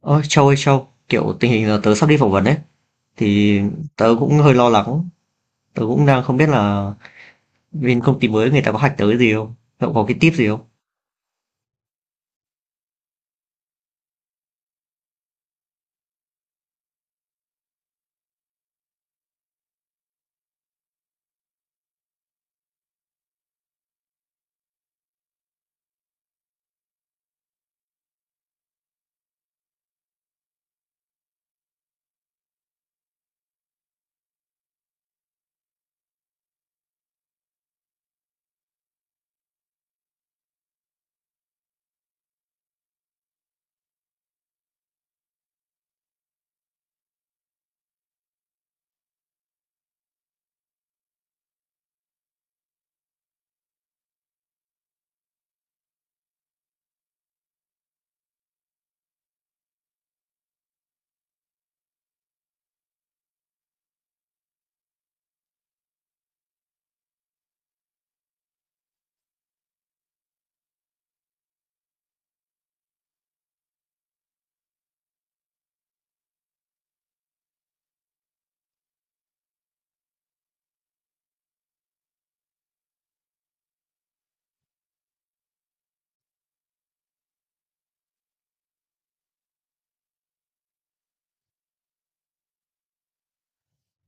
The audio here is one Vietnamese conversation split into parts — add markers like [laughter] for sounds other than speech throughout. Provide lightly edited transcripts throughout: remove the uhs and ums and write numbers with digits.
Ôi Châu ơi Châu, kiểu tình hình là tớ sắp đi phỏng vấn ấy, thì tớ cũng hơi lo lắng, tớ cũng đang không biết là bên công ty mới người ta có hack tớ cái gì không, cậu có cái tip gì không?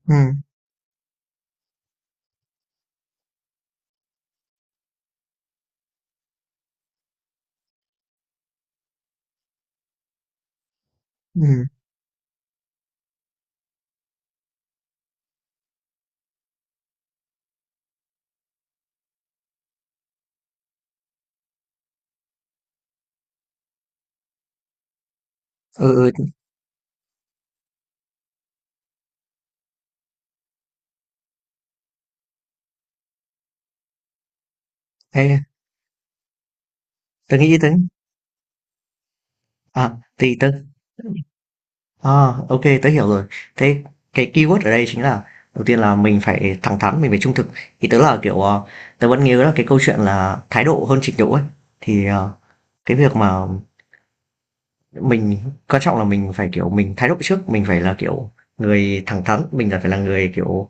Ừ, ừ, ừ, ừ, ê, tớ nghĩ tớ, à, thì tớ, à, ok, tớ hiểu rồi. Thế cái keyword ở đây chính là, đầu tiên là mình phải thẳng thắn, mình phải trung thực. Thì tớ là kiểu, tớ vẫn nhớ là cái câu chuyện là thái độ hơn trình độ ấy, thì cái việc mà mình quan trọng là mình phải kiểu mình thái độ trước mình phải là kiểu người thẳng thắn mình là phải là người kiểu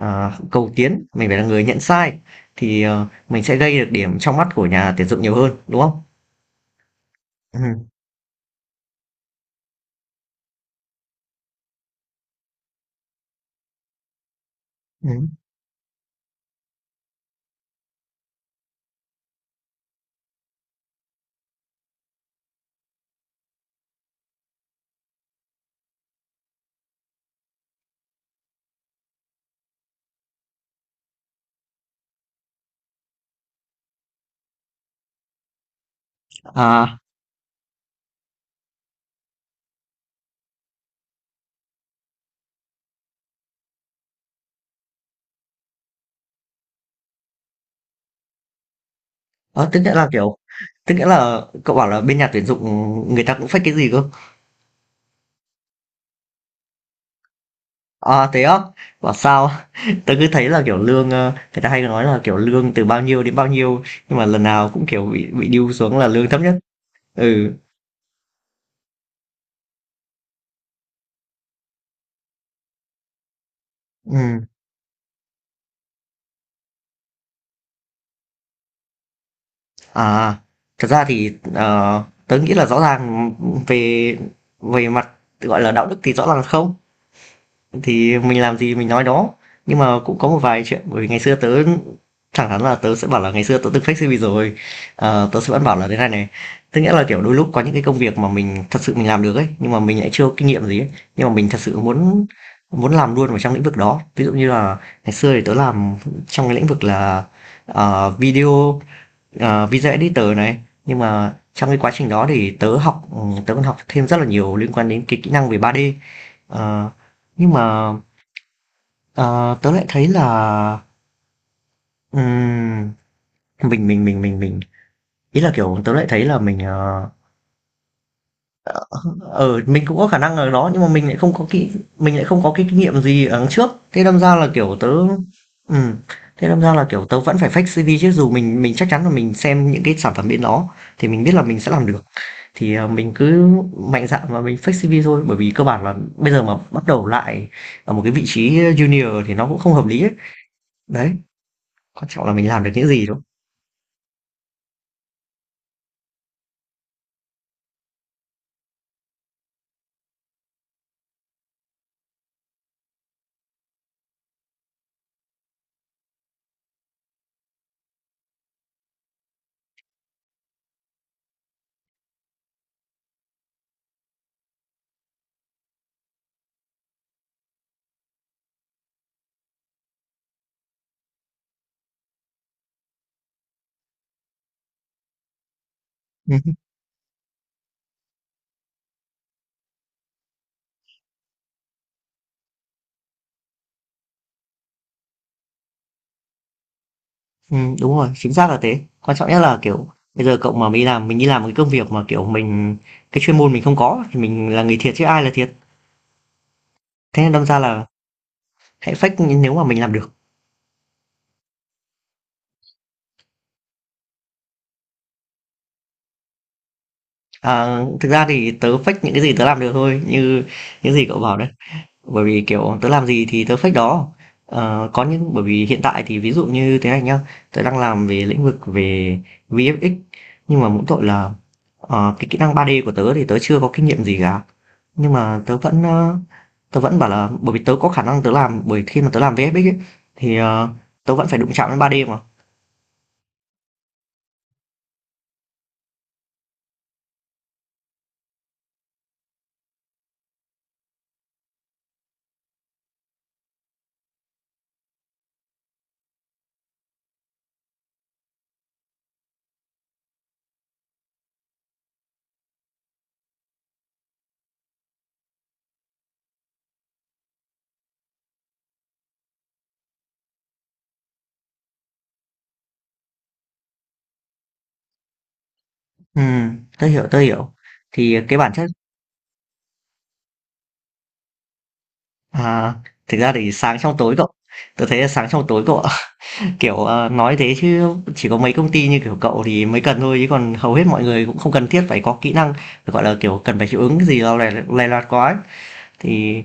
cầu tiến mình phải là người nhận sai thì mình sẽ gây được điểm trong mắt của nhà tuyển dụng nhiều hơn đúng không? Ừ. Ừ. À, ờ, tức nghĩa là kiểu tức nghĩa là cậu bảo là bên nhà tuyển dụng người ta cũng fake cái gì cơ? À thế á? Bảo sao [laughs] tớ cứ thấy là kiểu lương, người ta hay nói là kiểu lương từ bao nhiêu đến bao nhiêu, nhưng mà lần nào cũng kiểu bị điêu xuống là lương thấp nhất. Ừ, ừ. À, thật ra thì, tớ nghĩ là rõ ràng về về mặt, gọi là, đạo đức thì rõ ràng là không, thì mình làm gì mình nói đó. Nhưng mà cũng có một vài chuyện, bởi vì ngày xưa tớ thẳng thắn là tớ sẽ bảo là ngày xưa tớ từng fake CV rồi. Ờ, tớ sẽ vẫn bảo là thế này này, tức nghĩa là, kiểu, đôi lúc có những cái công việc mà mình thật sự mình làm được ấy, nhưng mà mình lại chưa có kinh nghiệm gì ấy, nhưng mà mình thật sự muốn muốn làm luôn vào trong lĩnh vực đó. Ví dụ như là ngày xưa thì tớ làm trong cái lĩnh vực là, video, video editor này, nhưng mà trong cái quá trình đó thì tớ học tớ còn học thêm rất là nhiều liên quan đến cái kỹ năng về 3D. Ờ, nhưng mà ờ, tớ lại thấy là ừm, mình ý là kiểu tớ lại thấy là mình, ờ ờ, mình cũng có khả năng ở đó nhưng mà mình lại không có cái kinh nghiệm gì ở trước, thế đâm ra là kiểu tớ, ừ, thế đâm ra là kiểu tớ vẫn phải fake CV chứ, dù mình chắc chắn là mình xem những cái sản phẩm bên đó thì mình biết là mình sẽ làm được, thì mình cứ mạnh dạn mà mình fake CV thôi, bởi vì cơ bản là bây giờ mà bắt đầu lại ở một cái vị trí junior thì nó cũng không hợp lý ấy. Đấy, quan trọng là mình làm được những gì đúng không? Ừm, đúng rồi, chính xác là thế. Quan trọng nhất là kiểu bây giờ cậu mà mình làm mình đi làm một cái công việc mà kiểu mình cái chuyên môn mình không có thì mình là người thiệt chứ ai là thiệt. Thế nên đâm ra là hãy fake nếu mà mình làm được. À, thực ra thì tớ fake những cái gì tớ làm được thôi, như những gì cậu bảo đấy. Bởi vì kiểu tớ làm gì thì tớ fake đó. Ờ, có những bởi vì hiện tại thì ví dụ như thế này nhá, tớ đang làm về lĩnh vực về VFX, nhưng mà mỗi tội là, cái kỹ năng 3D của tớ thì tớ chưa có kinh nghiệm gì cả, nhưng mà tớ vẫn, tớ vẫn bảo là bởi vì tớ có khả năng tớ làm, bởi khi mà tớ làm VFX ấy, thì tớ vẫn phải đụng chạm đến 3D mà. Ừ, tớ hiểu thì cái bản chất, à, thực ra thì sáng trong tối cậu, tớ thấy là sáng trong tối cậu. Kiểu, nói thế chứ chỉ có mấy công ty như kiểu cậu thì mới cần thôi, chứ còn hầu hết mọi người cũng không cần thiết phải có kỹ năng, phải gọi là, kiểu, cần phải hiệu ứng gì đó lè lòe loạt quá ấy. Thì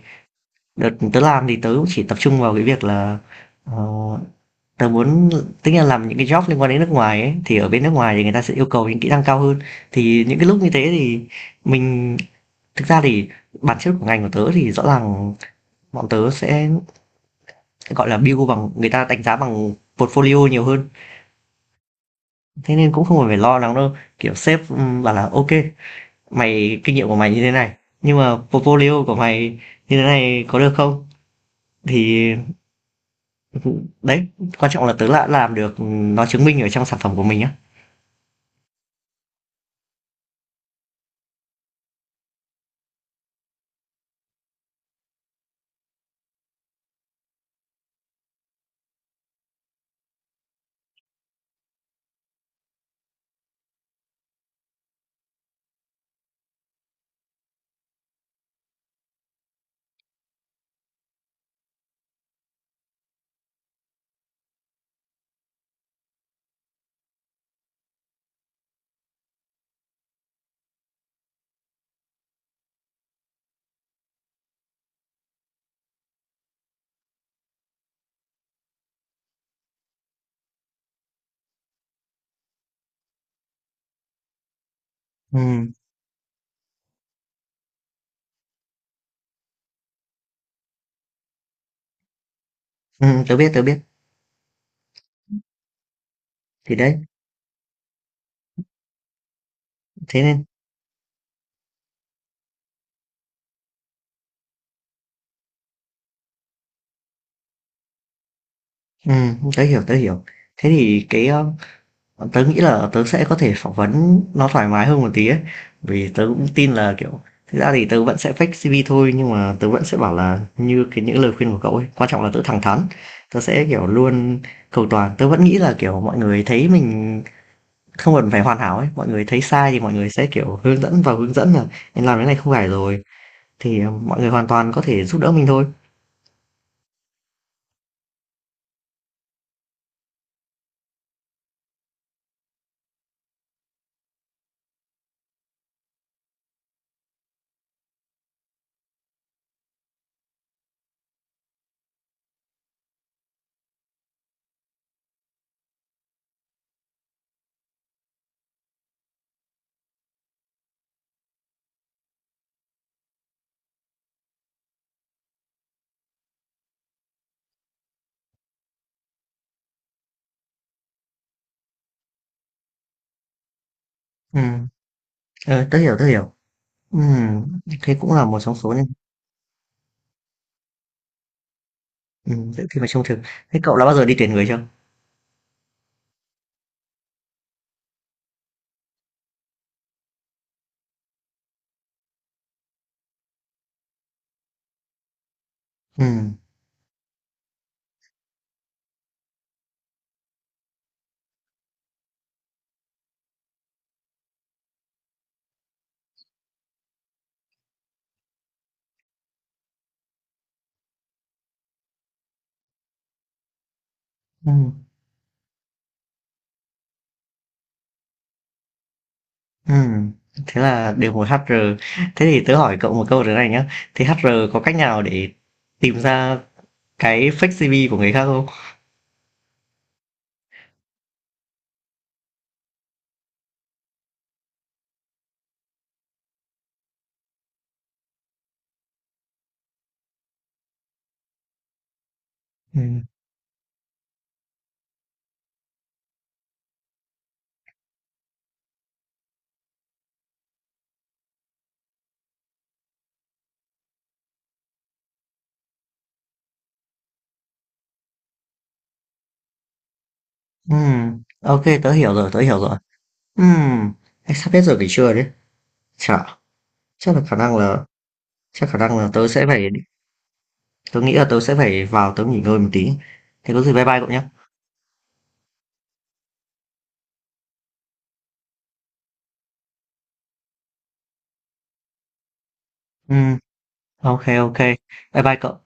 đợt tớ làm thì tớ cũng chỉ tập trung vào cái việc là, ờ, tớ muốn tính là làm những cái job liên quan đến nước ngoài ấy, thì ở bên nước ngoài thì người ta sẽ yêu cầu những kỹ năng cao hơn. Thì những cái lúc như thế thì mình thực ra thì bản chất của ngành của tớ thì rõ ràng bọn tớ sẽ, gọi là, build bằng người ta đánh giá bằng portfolio nhiều hơn. Thế nên cũng không cần phải lo lắng đâu, kiểu sếp, bảo là "ok mày kinh nghiệm của mày như thế này, nhưng mà portfolio của mày như thế này có được không?" Thì ừ, đấy, quan trọng là tớ đã làm được, ừ, nó chứng minh ở trong sản phẩm của mình á. Ừm, tớ biết, tớ biết. Thì đấy, thế nên tớ hiểu, tớ hiểu. Thế thì cái, tớ nghĩ là tớ sẽ có thể phỏng vấn nó thoải mái hơn một tí ấy, vì tớ cũng tin là, kiểu thực ra thì tớ vẫn sẽ fake CV thôi, nhưng mà tớ vẫn sẽ bảo là như cái những lời khuyên của cậu ấy, quan trọng là tớ thẳng thắn, tớ sẽ, kiểu, luôn cầu toàn. Tớ vẫn nghĩ là, kiểu, mọi người thấy mình không cần phải hoàn hảo ấy, mọi người thấy sai thì mọi người sẽ, kiểu, hướng dẫn và hướng dẫn là "Em làm cái này không phải rồi", thì mọi người hoàn toàn có thể giúp đỡ mình thôi. Ừm, tớ hiểu, tớ hiểu. Ừm, thế cũng là một trong số những khi mà trông thực. Thế cậu đã bao giờ đi tuyển người chưa? Ừm. Ừm, ừm, thế là đều một HR. Thế thì tớ hỏi cậu một câu thế này nhá, thế HR có cách nào để tìm ra cái fake CV của người khác không? Ừm, ok, tớ hiểu rồi, tớ hiểu rồi. Ừm, anh sắp hết giờ nghỉ trưa đấy. Chả, chắc là khả năng là, chắc khả năng là tớ sẽ phải, tớ nghĩ là tớ sẽ phải vào tớ nghỉ ngơi một tí. Thế có gì bye bye cậu nhé. Ừm, ok, ok, bye bye cậu.